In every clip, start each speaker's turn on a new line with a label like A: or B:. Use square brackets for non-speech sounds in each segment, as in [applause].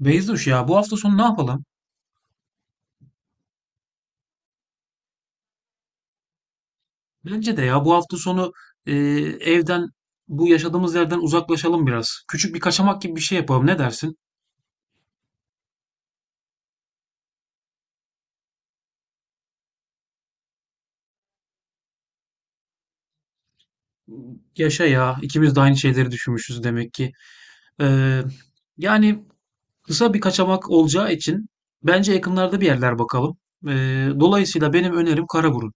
A: Beyzuş ya, bu hafta sonu ne yapalım? Bence de ya, bu hafta sonu e, evden, bu yaşadığımız yerden uzaklaşalım biraz. Küçük bir kaçamak gibi bir şey yapalım. Ne dersin? Yaşa ya, ikimiz de aynı şeyleri düşünmüşüz demek ki. E, yani kısa bir kaçamak olacağı için bence yakınlarda bir yerler bakalım. E, dolayısıyla benim önerim Karaburun.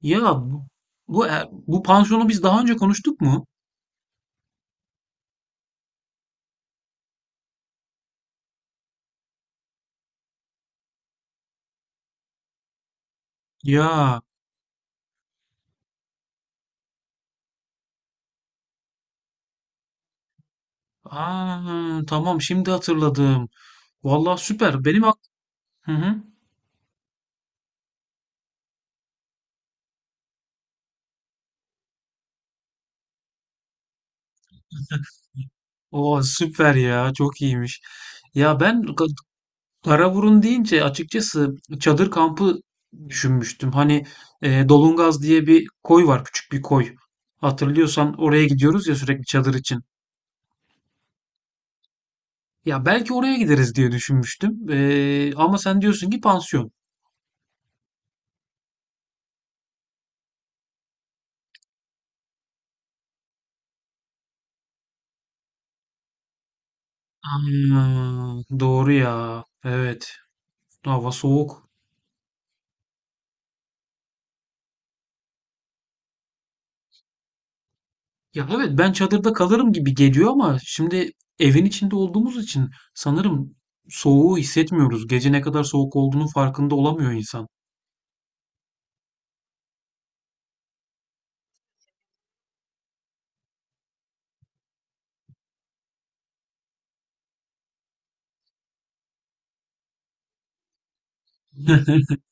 A: Ya bu pansiyonu biz daha önce konuştuk mu? Ya, aa, tamam, şimdi hatırladım. Vallahi süper. Benim ak. Hı hı. Oo, süper ya. Çok iyiymiş. Ya ben Ka-. Karaburun deyince açıkçası çadır kampı düşünmüştüm. Hani Dolungaz diye bir koy var, küçük bir koy. Hatırlıyorsan oraya gidiyoruz ya sürekli çadır için. Ya belki oraya gideriz diye düşünmüştüm. Ama sen diyorsun ki pansiyon. Aa, doğru ya. Evet. Hava soğuk. Ya evet, ben çadırda kalırım gibi geliyor ama şimdi evin içinde olduğumuz için sanırım soğuğu hissetmiyoruz. Gece ne kadar soğuk olduğunun farkında olamıyor insan. [laughs]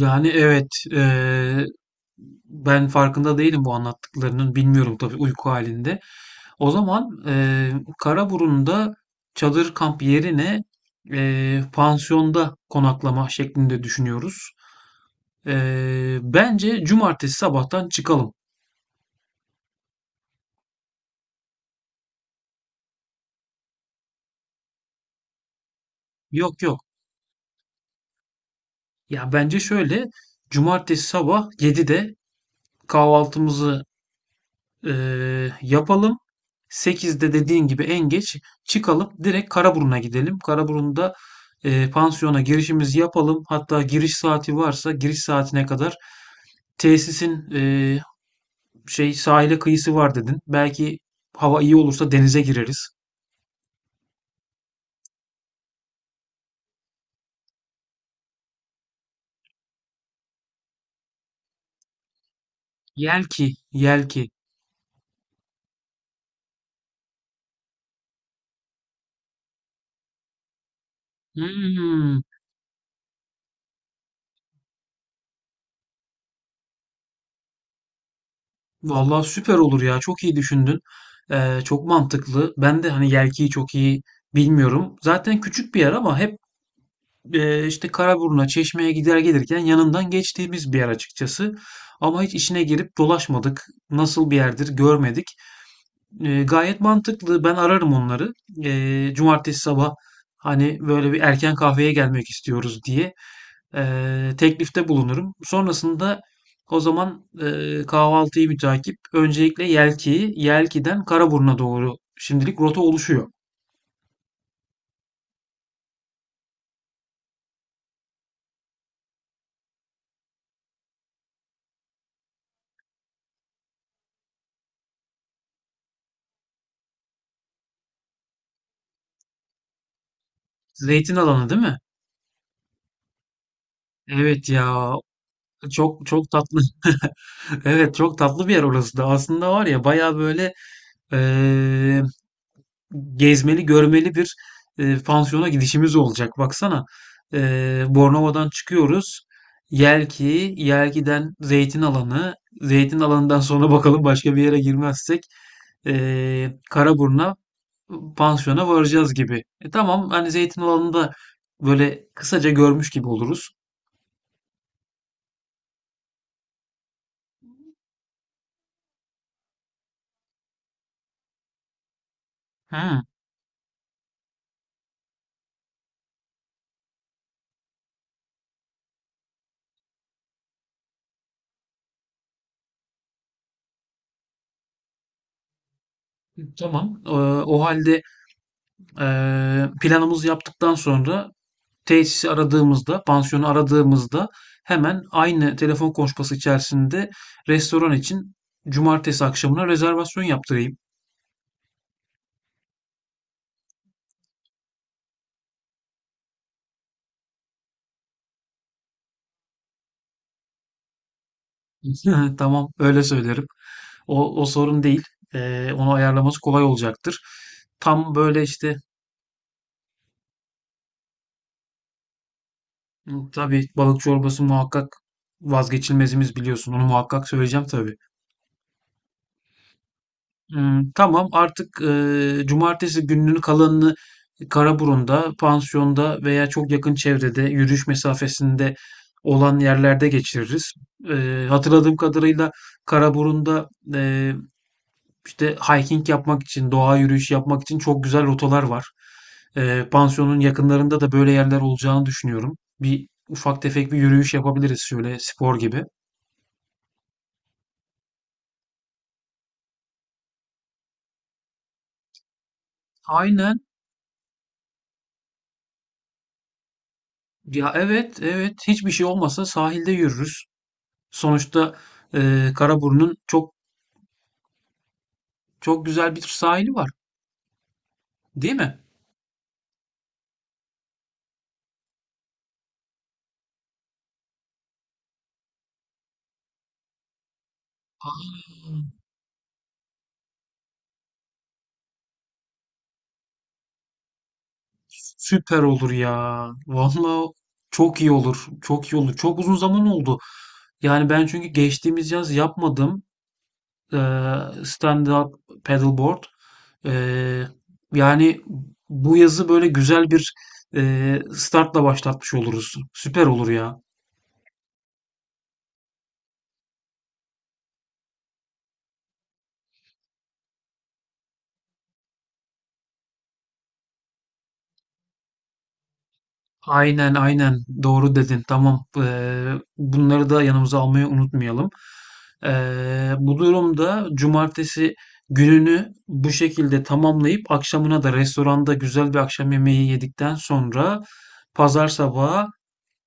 A: Yani evet, ben farkında değilim bu anlattıklarının. Bilmiyorum tabii, uyku halinde. O zaman Karaburun'da çadır kamp yerine pansiyonda konaklama şeklinde düşünüyoruz. Bence cumartesi sabahtan çıkalım. Yok yok. Ya bence şöyle, cumartesi sabah 7'de kahvaltımızı yapalım. 8'de dediğin gibi en geç çıkalım. Direkt Karaburun'a gidelim. Karaburun'da pansiyona girişimizi yapalım. Hatta giriş saati varsa giriş saatine kadar tesisin şey, sahile kıyısı var dedin. Belki hava iyi olursa denize gireriz. Yelki, Yelki. Hmm. Vallahi süper olur ya. Çok iyi düşündün. Çok mantıklı. Ben de hani Yelki'yi çok iyi bilmiyorum. Zaten küçük bir yer ama hep işte Karaburun'a, Çeşme'ye gider gelirken yanından geçtiğimiz bir yer açıkçası. Ama hiç içine girip dolaşmadık. Nasıl bir yerdir görmedik. Gayet mantıklı. Ben ararım onları. Cumartesi sabah hani böyle bir erken kahveye gelmek istiyoruz diye teklifte bulunurum. Sonrasında o zaman kahvaltıyı mütakip öncelikle Yelki'yi, Yelki'den Karaburun'a doğru şimdilik rota oluşuyor. Zeytin alanı değil mi? Evet ya, çok çok tatlı. [laughs] Evet, çok tatlı bir yer orası da. Aslında var ya, baya böyle eee, gezmeli, görmeli bir pansiyona gidişimiz olacak. Baksana, Bornova'dan çıkıyoruz. Yelki, Yelki'den Zeytin Alanı, Zeytin Alanı'ndan sonra [laughs] bakalım başka bir yere girmezsek, e, Karaburun'a, pansiyona varacağız gibi. E, tamam, hani Zeytin Alanı'nda böyle kısaca görmüş gibi oluruz. Hı, tamam. E, o halde, e, planımızı yaptıktan sonra tesisi aradığımızda, pansiyonu aradığımızda, hemen aynı telefon konuşması içerisinde restoran için cumartesi akşamına rezervasyon yaptırayım. [laughs] Tamam, öyle söylerim. O sorun değil. Onu ayarlaması kolay olacaktır. Tam böyle işte tabii, balık çorbası muhakkak vazgeçilmezimiz, biliyorsun. Onu muhakkak söyleyeceğim tabii. Tamam, artık, cumartesi gününün kalanını Karaburun'da, pansiyonda veya çok yakın çevrede, yürüyüş mesafesinde olan yerlerde geçiririz. Hatırladığım kadarıyla Karaburun'da, eee, işte, hiking yapmak için, doğa yürüyüşü yapmak için çok güzel rotalar var. Pansiyonun yakınlarında da böyle yerler olacağını düşünüyorum. Bir ufak tefek bir yürüyüş yapabiliriz şöyle spor gibi. Aynen. Ya, evet, evet. Hiçbir şey olmasa sahilde yürürüz. Sonuçta, Karaburun'un çok çok güzel bir sahili var, değil mi? Süper olur ya. Vallahi çok iyi olur. Çok iyi olur. Çok uzun zaman oldu. Yani ben çünkü geçtiğimiz yaz yapmadım eee stand-up paddleboard. Eee, yani bu yazı böyle güzel bir startla başlatmış oluruz. Süper olur ya. Aynen aynen, doğru dedin, tamam. Bunları da yanımıza almayı unutmayalım. Bu durumda cumartesi gününü bu şekilde tamamlayıp akşamına da restoranda güzel bir akşam yemeği yedikten sonra pazar sabahı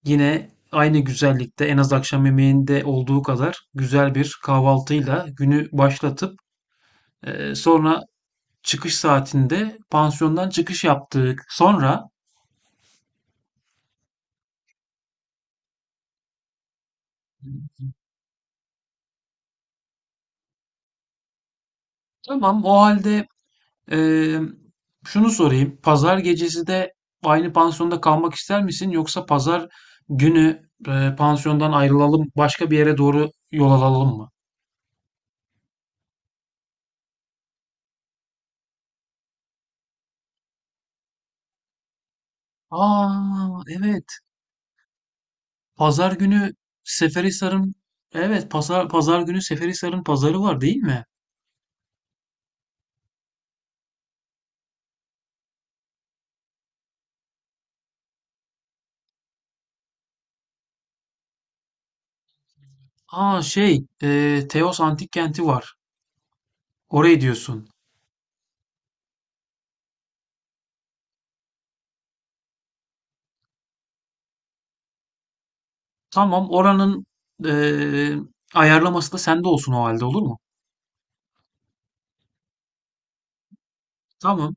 A: yine aynı güzellikte en az akşam yemeğinde olduğu kadar güzel bir kahvaltıyla günü başlatıp sonra çıkış saatinde pansiyondan çıkış yaptık. Sonra tamam, o halde, ee, şunu sorayım. Pazar gecesi de aynı pansiyonda kalmak ister misin? Yoksa pazar günü pansiyondan ayrılalım, başka bir yere doğru yol alalım mı? Aa, evet. Pazar günü Seferihisar'ın evet, pazar günü Seferihisar'ın pazarı var değil mi? Aa şey, Teos Antik Kenti var. Orayı diyorsun. Tamam, oranın e, ayarlaması da sende olsun o halde, olur mu? Tamam.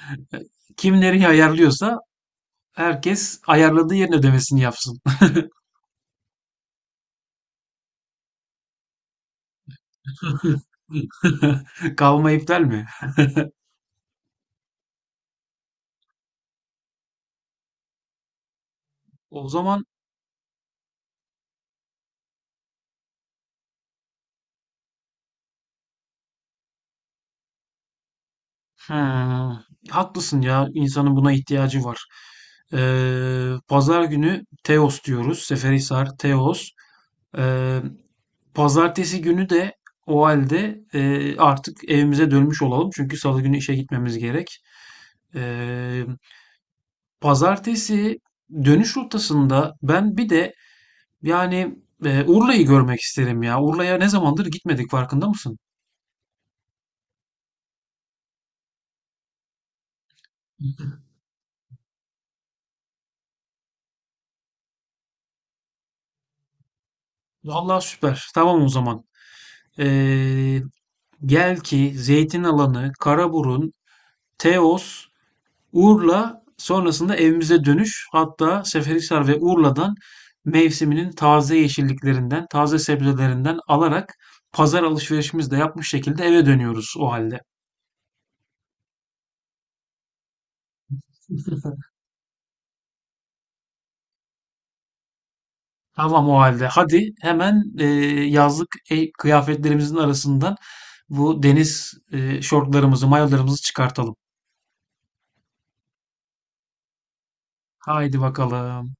A: [laughs] Kim ayarlıyorsa, herkes ayarladığı yerin ödemesini yapsın. [laughs] Kavma iptal mi? O zaman hmm, haklısın ya. İnsanın buna ihtiyacı var. Pazar günü Teos diyoruz. Seferihisar, Teos. Ee, pazartesi günü de o halde artık evimize dönmüş olalım. Çünkü salı günü işe gitmemiz gerek. Ee, pazartesi dönüş rotasında ben bir de yani, Urla'yı görmek isterim ya. Urla'ya ne zamandır gitmedik, farkında mısın? Vallahi süper. Tamam o zaman. Ee, gel ki Zeytinalanı, Karaburun, Teos, Urla sonrasında evimize dönüş. Hatta Seferihisar ve Urla'dan mevsiminin taze yeşilliklerinden, taze sebzelerinden alarak pazar alışverişimizi de yapmış şekilde eve dönüyoruz o halde. Tamam o halde. Hadi hemen yazlık kıyafetlerimizin arasından bu deniz, şortlarımızı, mayolarımızı çıkartalım. Haydi bakalım.